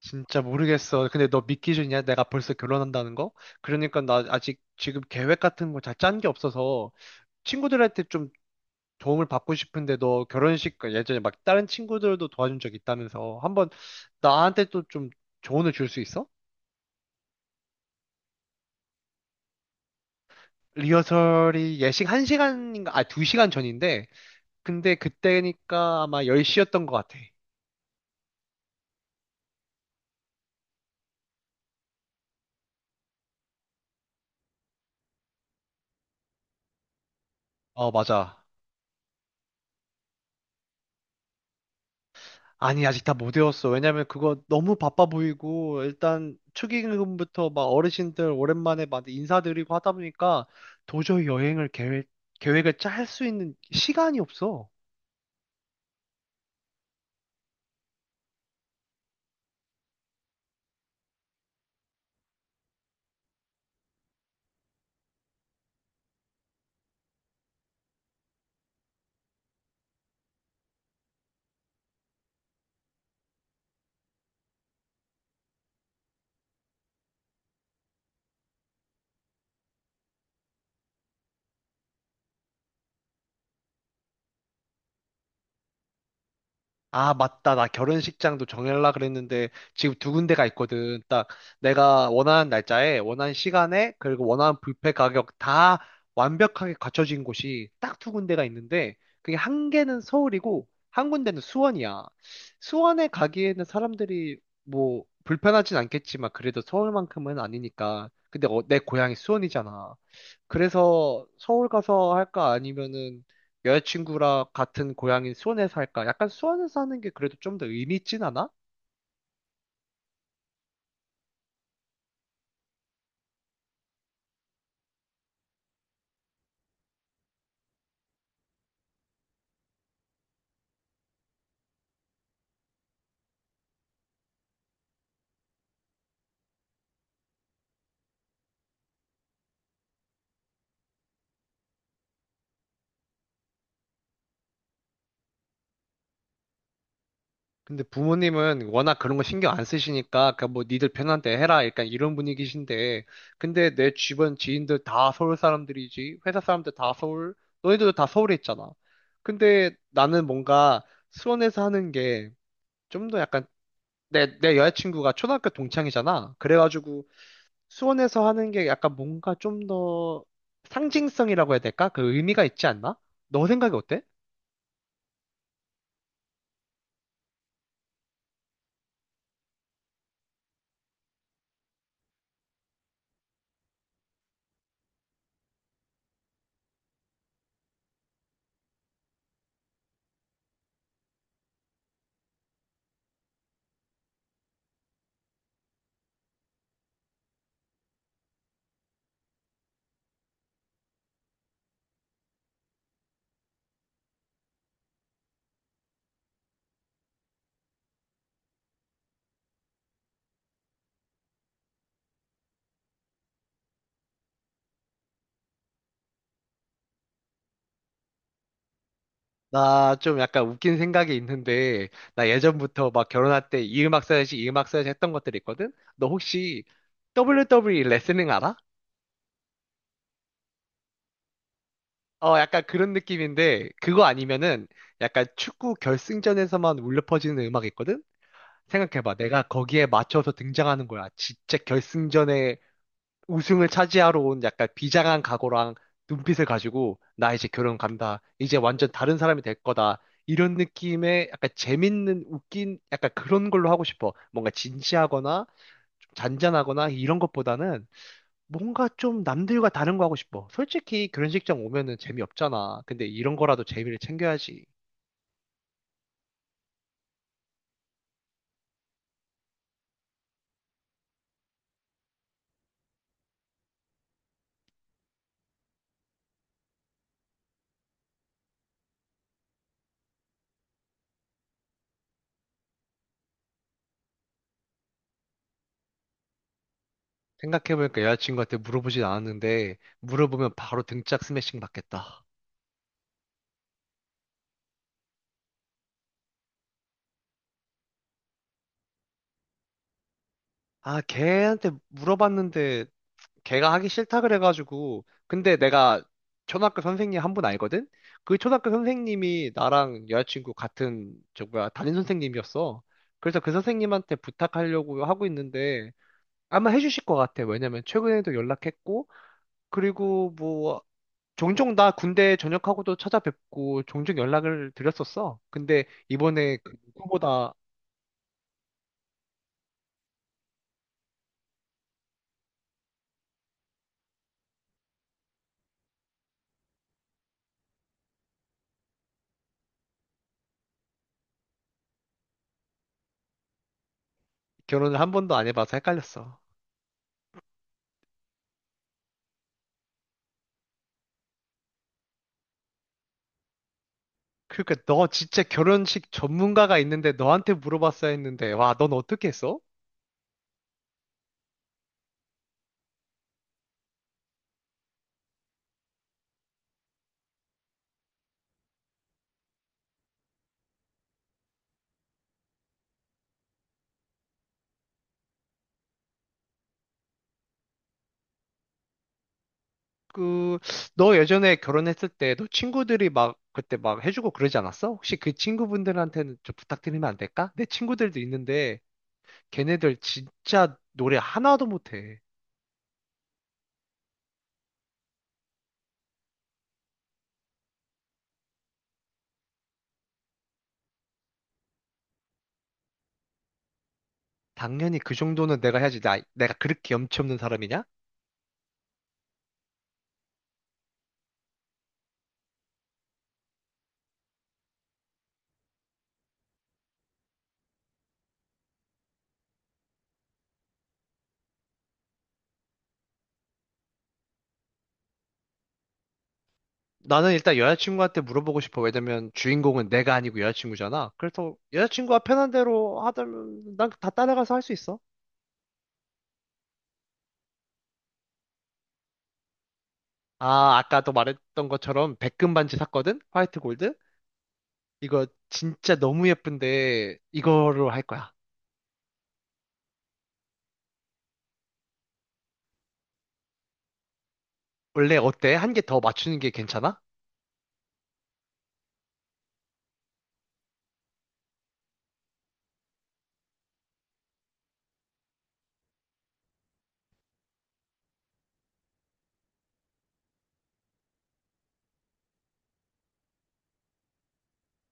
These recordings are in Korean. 진짜 모르겠어. 근데 너 믿기 싫냐? 내가 벌써 결혼한다는 거? 그러니까 나 아직 지금 계획 같은 거 잘 짠 게 없어서 친구들한테 좀 도움을 받고 싶은데 너 결혼식 그 예전에 막 다른 친구들도 도와준 적 있다면서 한번 나한테 또 좀 조언을 줄 수 있어? 리허설이 예식 1시간인가? 아, 2시간 전인데 근데 그때니까 아마 10시였던 것 같아. 어, 맞아. 아니, 아직 다 못 외웠어. 왜냐면 그거 너무 바빠 보이고, 일단 축의금부터 막 어르신들 오랜만에 막 인사드리고 하다 보니까 도저히 여행을 계획을 짤 수 있는 시간이 없어. 아, 맞다. 나 결혼식장도 정하려고 그랬는데 지금 두 군데가 있거든. 딱 내가 원하는 날짜에, 원하는 시간에, 그리고 원하는 뷔페 가격 다 완벽하게 갖춰진 곳이 딱 두 군데가 있는데 그게 한 개는 서울이고 한 군데는 수원이야. 수원에 가기에는 사람들이 뭐 불편하진 않겠지만 그래도 서울만큼은 아니니까. 근데 내 고향이 수원이잖아. 그래서 서울 가서 할까 아니면은 여자친구랑 같은 고향인 수원에서 할까? 약간 수원에서 하는 게 그래도 좀 더 의미 있진 않아? 근데 부모님은 워낙 그런 거 신경 안 쓰시니까 그냥 뭐 니들 편한 데 해라 약간 이런 분위기신데 근데 내 주변 지인들 다 서울 사람들이지 회사 사람들 다 서울 너희들도 다 서울에 있잖아 근데 나는 뭔가 수원에서 하는 게 좀 더 약간 내 여자친구가 초등학교 동창이잖아 그래가지고 수원에서 하는 게 약간 뭔가 좀 더 상징성이라고 해야 될까? 그 의미가 있지 않나? 너 생각이 어때? 나 좀 약간 웃긴 생각이 있는데, 나 예전부터 막 결혼할 때 이 음악 써야지, 이 음악 써야지 했던 것들이 있거든? 너 혹시 WWE 레슬링 알아? 어, 약간 그런 느낌인데, 그거 아니면은 약간 축구 결승전에서만 울려 퍼지는 음악이 있거든? 생각해봐. 내가 거기에 맞춰서 등장하는 거야. 진짜 결승전에 우승을 차지하러 온 약간 비장한 각오랑 눈빛을 가지고 나 이제 결혼 간다. 이제 완전 다른 사람이 될 거다. 이런 느낌의 약간 재밌는 웃긴 약간 그런 걸로 하고 싶어. 뭔가 진지하거나 좀 잔잔하거나 이런 것보다는 뭔가 좀 남들과 다른 거 하고 싶어. 솔직히 결혼식장 오면은 재미없잖아. 근데 이런 거라도 재미를 챙겨야지. 생각해보니까 여자친구한테 물어보진 않았는데 물어보면 바로 등짝 스매싱 받겠다. 아, 걔한테 물어봤는데 걔가 하기 싫다 그래가지고 근데 내가 초등학교 선생님 한 분 알거든? 그 초등학교 선생님이 나랑 여자친구 같은 저 뭐야 담임 선생님이었어. 그래서 그 선생님한테 부탁하려고 하고 있는데 아마 해주실 것 같아. 왜냐면 최근에도 연락했고 그리고 뭐 종종 나 군대 전역하고도 찾아뵙고 종종 연락을 드렸었어. 근데 이번에 그누보다 결혼을 한 번도 안 해봐서 헷갈렸어. 그러니까 너 진짜 결혼식 전문가가 있는데 너한테 물어봤어야 했는데 와, 넌 어떻게 했어? 그, 너 예전에 결혼했을 때 너 친구들이 막 그때 막 해주고 그러지 않았어? 혹시 그 친구분들한테는 좀 부탁드리면 안 될까? 내 친구들도 있는데 걔네들 진짜 노래 하나도 못해. 당연히 그 정도는 내가 해야지. 나, 내가 그렇게 염치 없는 사람이냐? 나는 일단 여자친구한테 물어보고 싶어. 왜냐면 주인공은 내가 아니고 여자친구잖아. 그래서 여자친구가 편한 대로 하다면 난 다 따라가서 할 수 있어. 아, 아까도 말했던 것처럼 백금 반지 샀거든? 화이트 골드? 이거 진짜 너무 예쁜데 이거로 할 거야. 원래 어때? 한 개 더 맞추는 게 괜찮아?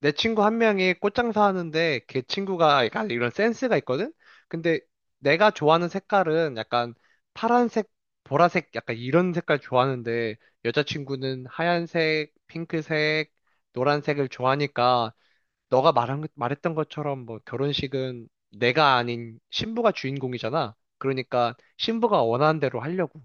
내 친구 한 명이 꽃장사 하는데 걔 친구가 약간 이런 센스가 있거든? 근데 내가 좋아하는 색깔은 약간 파란색, 보라색 약간 이런 색깔 좋아하는데 여자친구는 하얀색, 핑크색, 노란색을 좋아하니까 너가 말했던 것처럼 뭐 결혼식은 내가 아닌 신부가 주인공이잖아. 그러니까 신부가 원하는 대로 하려고.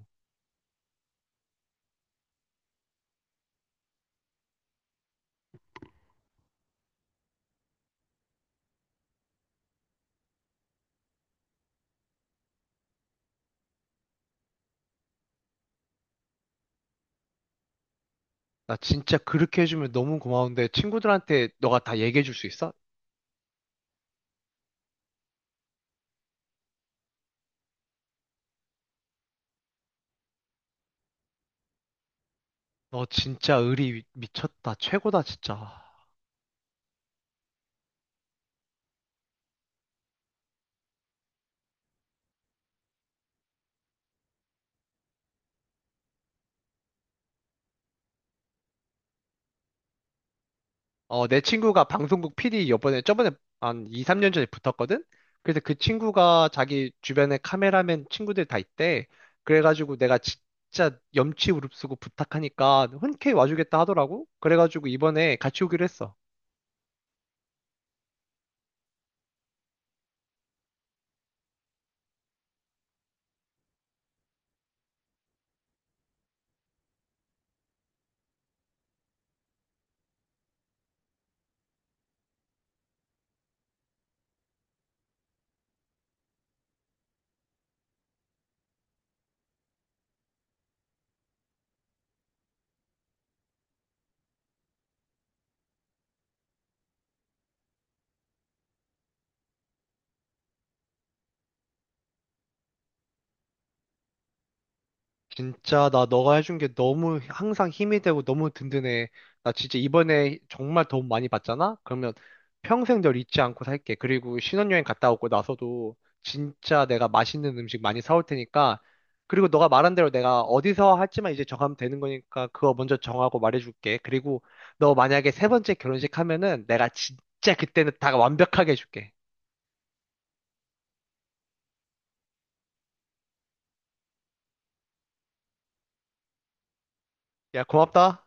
나 진짜 그렇게 해주면 너무 고마운데 친구들한테 너가 다 얘기해 줄 수 있어? 너 진짜 의리 미쳤다. 최고다, 진짜. 어, 내 친구가 방송국 PD 이번에 저번에 한 2, 3년 전에 붙었거든? 그래서 그 친구가 자기 주변에 카메라맨 친구들 다 있대. 그래가지고 내가 진짜 염치 무릅쓰고 부탁하니까 흔쾌히 와주겠다 하더라고. 그래가지고 이번에 같이 오기로 했어. 진짜 나 너가 해준 게 너무 항상 힘이 되고 너무 든든해. 나 진짜 이번에 정말 도움 많이 받잖아? 그러면 평생 널 잊지 않고 살게. 그리고 신혼여행 갔다 오고 나서도 진짜 내가 맛있는 음식 많이 사올 테니까. 그리고 너가 말한 대로 내가 어디서 할지만 이제 정하면 되는 거니까 그거 먼저 정하고 말해줄게. 그리고 너 만약에 세 번째 결혼식 하면은 내가 진짜 그때는 다 완벽하게 해줄게. 야, 고맙다.